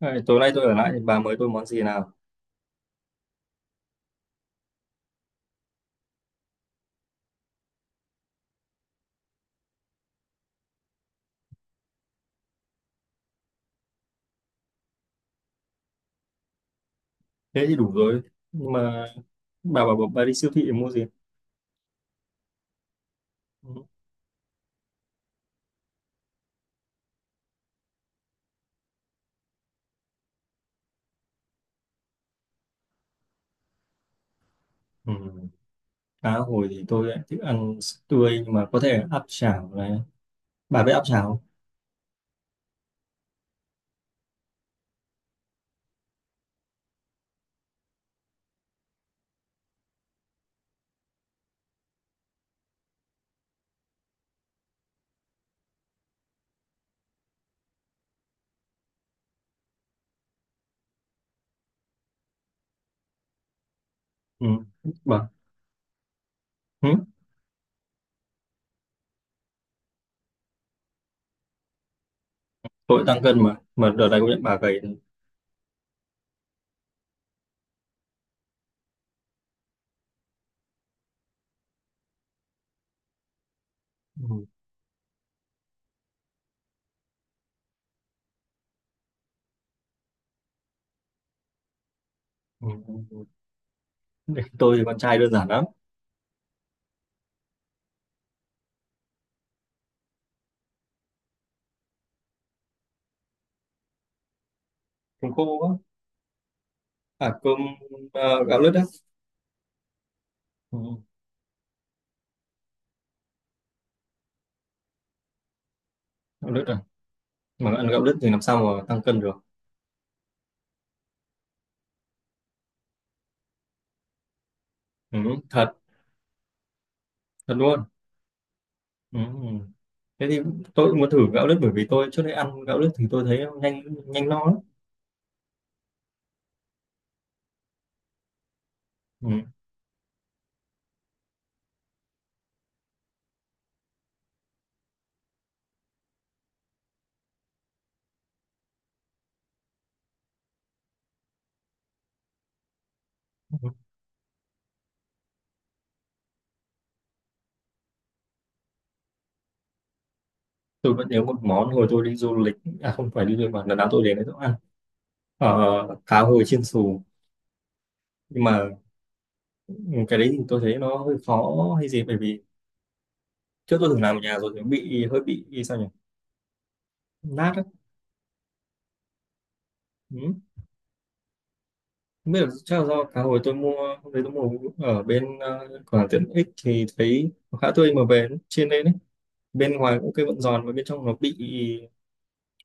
Này, tối nay tôi ở lại thì bà mời tôi món gì nào? Thế thì đủ rồi. Nhưng mà bà bảo bà đi siêu thị để mua gì? Ừ. Ừ. Cá hồi thì tôi lại thích ăn tươi, nhưng mà có thể áp chảo này. Bà biết áp chảo không? Ừ. Bà. Ừ. Tôi tăng cân mà. Mà đợt này công nhận bà gầy. Ừ. Ừ. Để tôi, thì con trai đơn giản lắm. Cơm khô quá. À cơm, gạo lứt á. Ừ. Gạo lứt à. Mà ăn gạo lứt thì làm sao mà tăng cân được. Ừ. Thật. Thật luôn. Ừ. Thế thì tôi cũng muốn thử gạo lứt, bởi vì tôi trước đây ăn gạo lứt thì tôi thấy nó nhanh nhanh no lắm. Ừ. Tôi vẫn nhớ một món hồi tôi đi du lịch, à không phải đi du lịch, mà lần nào tôi đến đấy tôi cũng ăn, ờ, cá hồi chiên xù. Nhưng mà ừ, cái đấy thì tôi thấy nó hơi khó hay gì, bởi vì trước tôi từng làm ở nhà rồi thì nó bị hơi bị sao nhỉ, nát á. Ừ. Không biết, là chắc là do cá hồi tôi mua, hôm đấy tôi mua ở bên cửa hàng tiện ích, thì thấy nó khá tươi mà về nó chiên lên đấy, bên ngoài cũng cái vẫn giòn và bên trong nó bị,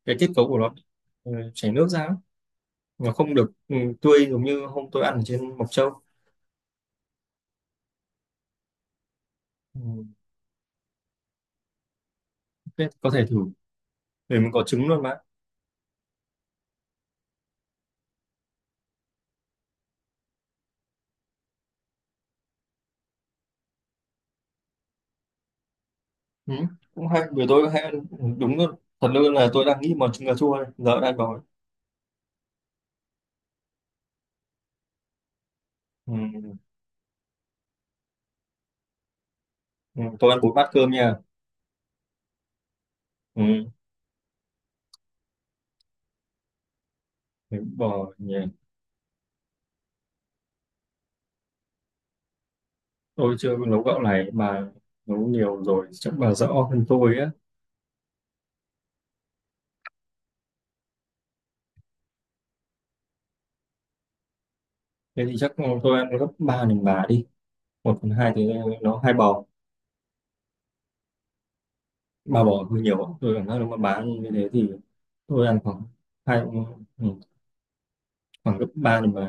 cái kết cấu của nó bị, chảy nước ra mà không được tươi, giống như hôm tôi ăn ở trên Mộc Châu. ừ, Thế có thể thử, để mình có trứng luôn mà. Ừ. Cũng hay, bởi tôi hay ăn, đúng luôn, thật luôn là tôi đang nghĩ món trứng cà chua đây. Giờ đã ăn bò. Ừ. Ừ. Tôi ăn 4 bát cơm nha. Ừ. Đúng rồi nhỉ. Tôi chưa nấu gạo này mà, nấu nhiều rồi chắc bà rõ hơn tôi á. Thế thì chắc tôi ăn gấp 3 lần bà đi. Một phần hai thì nó hai bò, ba bò hơi nhiều tôi cảm giác, nếu mà bà ăn như thế thì tôi ăn khoảng hai, ừ, khoảng gấp ba lần bà.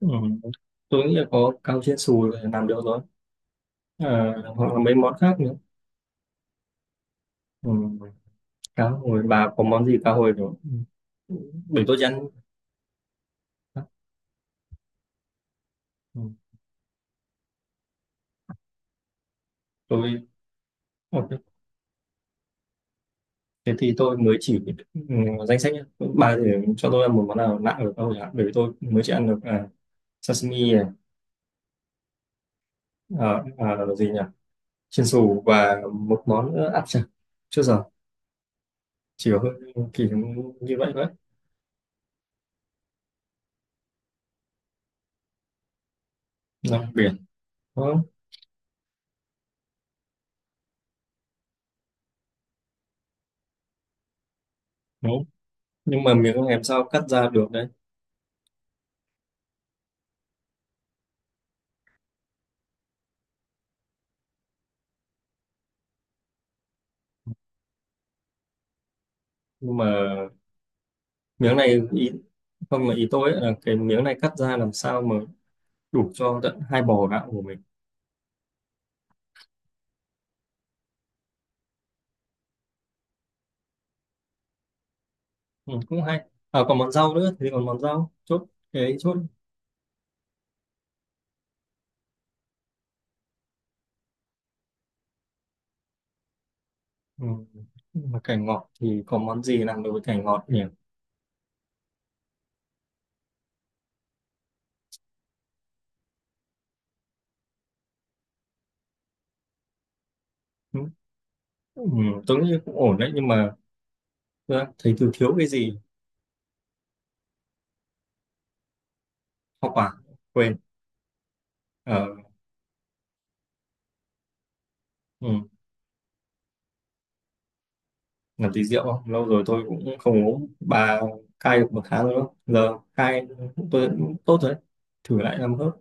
Ừ. Tôi nghĩ là có cao chiên xù là làm được rồi, à, hoặc là mấy món khác nữa. Ừ. Cá hồi, bà có món gì cá hồi nữa. Ừ. Để tôi ăn. Ừ. Tôi ok. Thế thì tôi mới chỉ, ừ, danh sách nhá. Bà thì cho tôi ăn một món nào lạ ở cá hồi hả, bởi vì tôi mới chỉ ăn được, à, sashimi này, là gì nhỉ, chiên xù và một món nữa áp chảo. Chưa giờ chỉ có, hơi kỳ như vậy thôi. Nào, biển đúng không? Đúng. Nhưng mà miếng em sao cắt ra được đấy. Nhưng mà miếng này ý, không mà ý tôi ấy là cái miếng này cắt ra làm sao mà đủ cho tận hai bò gạo của mình. Ừ, cũng hay. À, còn món rau nữa thì còn món rau chốt, cái ấy chốt. Ừ. Mà cải ngọt thì có món gì làm được với cải ngọt nhỉ. Ừ. Ừ, tôi nghĩ cũng ổn đấy, nhưng mà tôi đang thấy thiếu thiếu cái gì. Hoa quả, quên. Ờ, ừ. Làm tí rượu không, lâu rồi tôi cũng không uống bà. Cai được 1 tháng rồi đó. Giờ cai tôi cũng tốt rồi đấy. Thử lại 5 hớp.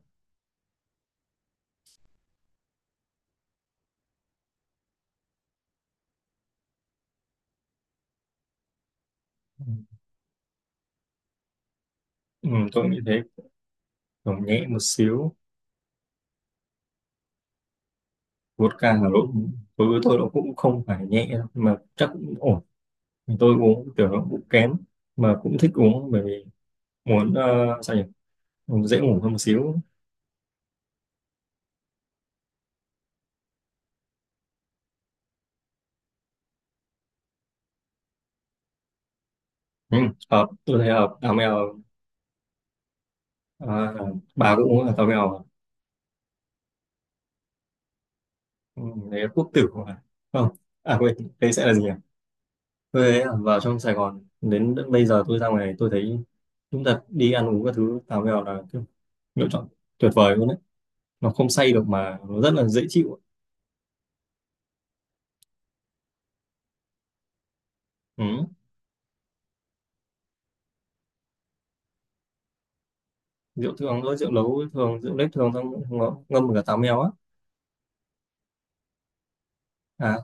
Ừ. Ừ, tôi nghĩ thế, còn nhẹ một xíu. Vodka Hà Nội đối với tôi nó cũng không phải nhẹ đâu, mà chắc cũng ổn. Thì tôi uống kiểu nó cũng kém, mà cũng thích uống bởi vì muốn, sao nhỉ, muốn dễ ngủ hơn một xíu. Ừ. Hợp, tôi thấy hợp táo mèo. À, bà cũng uống là táo mèo à? Ừ, đấy là quốc tử mà. Không, à quên, đấy sẽ là gì nhỉ. Tôi thấy là vào trong Sài Gòn đến bây giờ tôi ra ngoài tôi thấy, chúng ta đi ăn uống các thứ, táo mèo là kiểu lựa chọn tuyệt vời luôn đấy. Nó không say được mà nó rất là dễ chịu. Ừ. Rượu thường thôi, rượu nấu thường, rượu nếp thường, xong ngâm cả táo mèo á. À,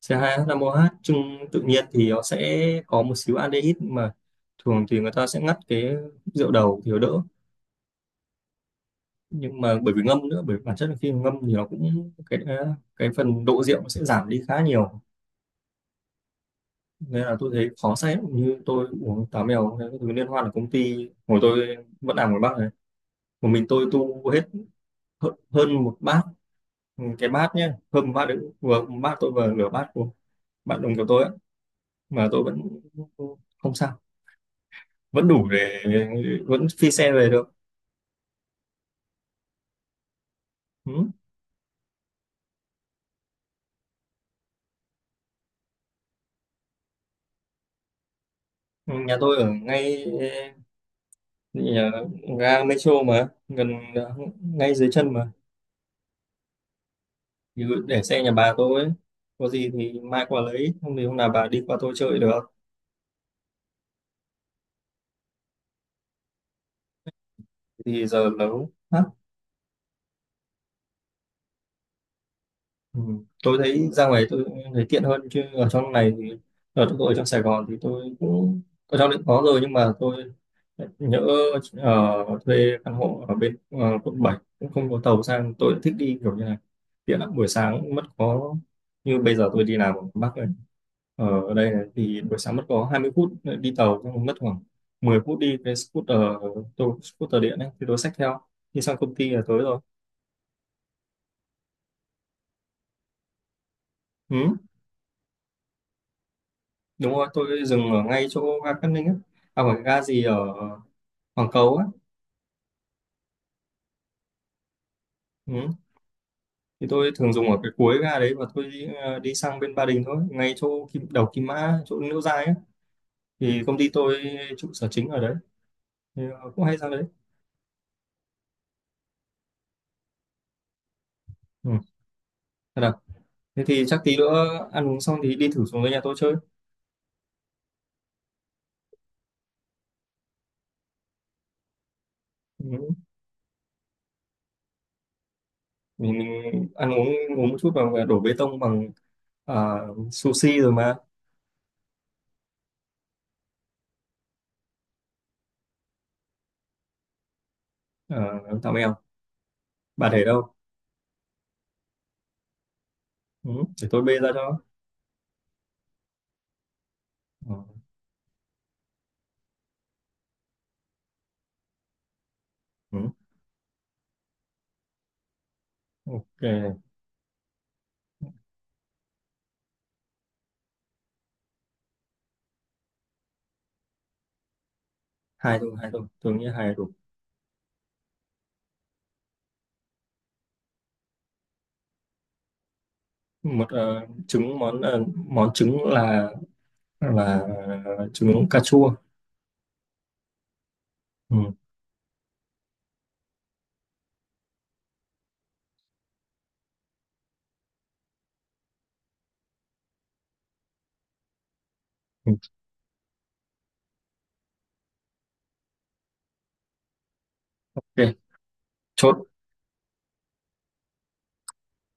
C2H5OH chung tự nhiên thì nó sẽ có một xíu aldehyde, nhưng mà thường thì người ta sẽ ngắt cái rượu đầu thì nó đỡ. Nhưng mà bởi vì ngâm nữa, bởi vì bản chất là khi mà ngâm thì nó cũng cái, à, cái phần độ rượu nó sẽ giảm đi khá nhiều. Nên là tôi thấy khó say lắm. Như tôi uống táo mèo cái thứ liên hoan ở công ty hồi tôi vẫn làm ở Bắc này, một mình tôi tu hết hơn hơn một bát. Ừ, cái bát nhé, hơn một bát đấy, vừa một bát tôi vừa nửa bát bạn đồng của tôi á, mà tôi vẫn không sao, vẫn đủ để vẫn phi xe về được. Ừ. Nhà tôi ở ngay nhà ga metro mà, gần ngay dưới chân mà. Thì để xe nhà bà tôi ấy. Có gì thì mai qua lấy, không thì hôm nào bà đi qua tôi chơi được. Thì giờ nấu hả? Ừ. Tôi thấy ra ngoài tôi thấy tiện hơn, chứ ở trong này thì, ở tôi ở trong Sài Gòn thì tôi cũng ở trong định có rồi, nhưng mà tôi nhỡ ở thuê căn hộ ở bên quận 7, cũng không có tàu sang, tôi lại thích đi kiểu như này tiện lắm, buổi sáng mất có, như bây giờ tôi đi làm ở Bắc này, ở đây này, thì buổi sáng mất có 20 phút đi tàu, xong mất khoảng 10 phút đi cái scooter, tôi scooter điện ấy, thì tôi xách theo đi sang công ty là tới rồi. Ừ. Đúng rồi, tôi dừng ở ngay chỗ ga Cát Linh á, à phải ga gì ở Hoàng Cầu á. Ừ. Thì tôi thường dùng ở cái cuối ga đấy, và tôi đi, đi sang bên Ba Đình thôi, ngay chỗ kim, đầu Kim Mã, chỗ Liễu Giai á. Thì công ty tôi trụ sở chính ở đấy, thì cũng hay sang đấy. Ừ. Thật à. Thế thì chắc tí nữa ăn uống xong thì đi thử xuống dưới nhà tôi chơi. Ừ. mình ăn uống, uống một chút và đổ bê tông bằng, sushi rồi mà. Tạm bèo, bà để đâu. Ừ. Để tôi bê ra cho. Ừ. Ừ. Ok. Hai thôi, hai thôi, tôi nghĩ hai là đủ. Một, trứng, món trứng là, là trứng cà chua. Ừ. Ừ. Ok chốt.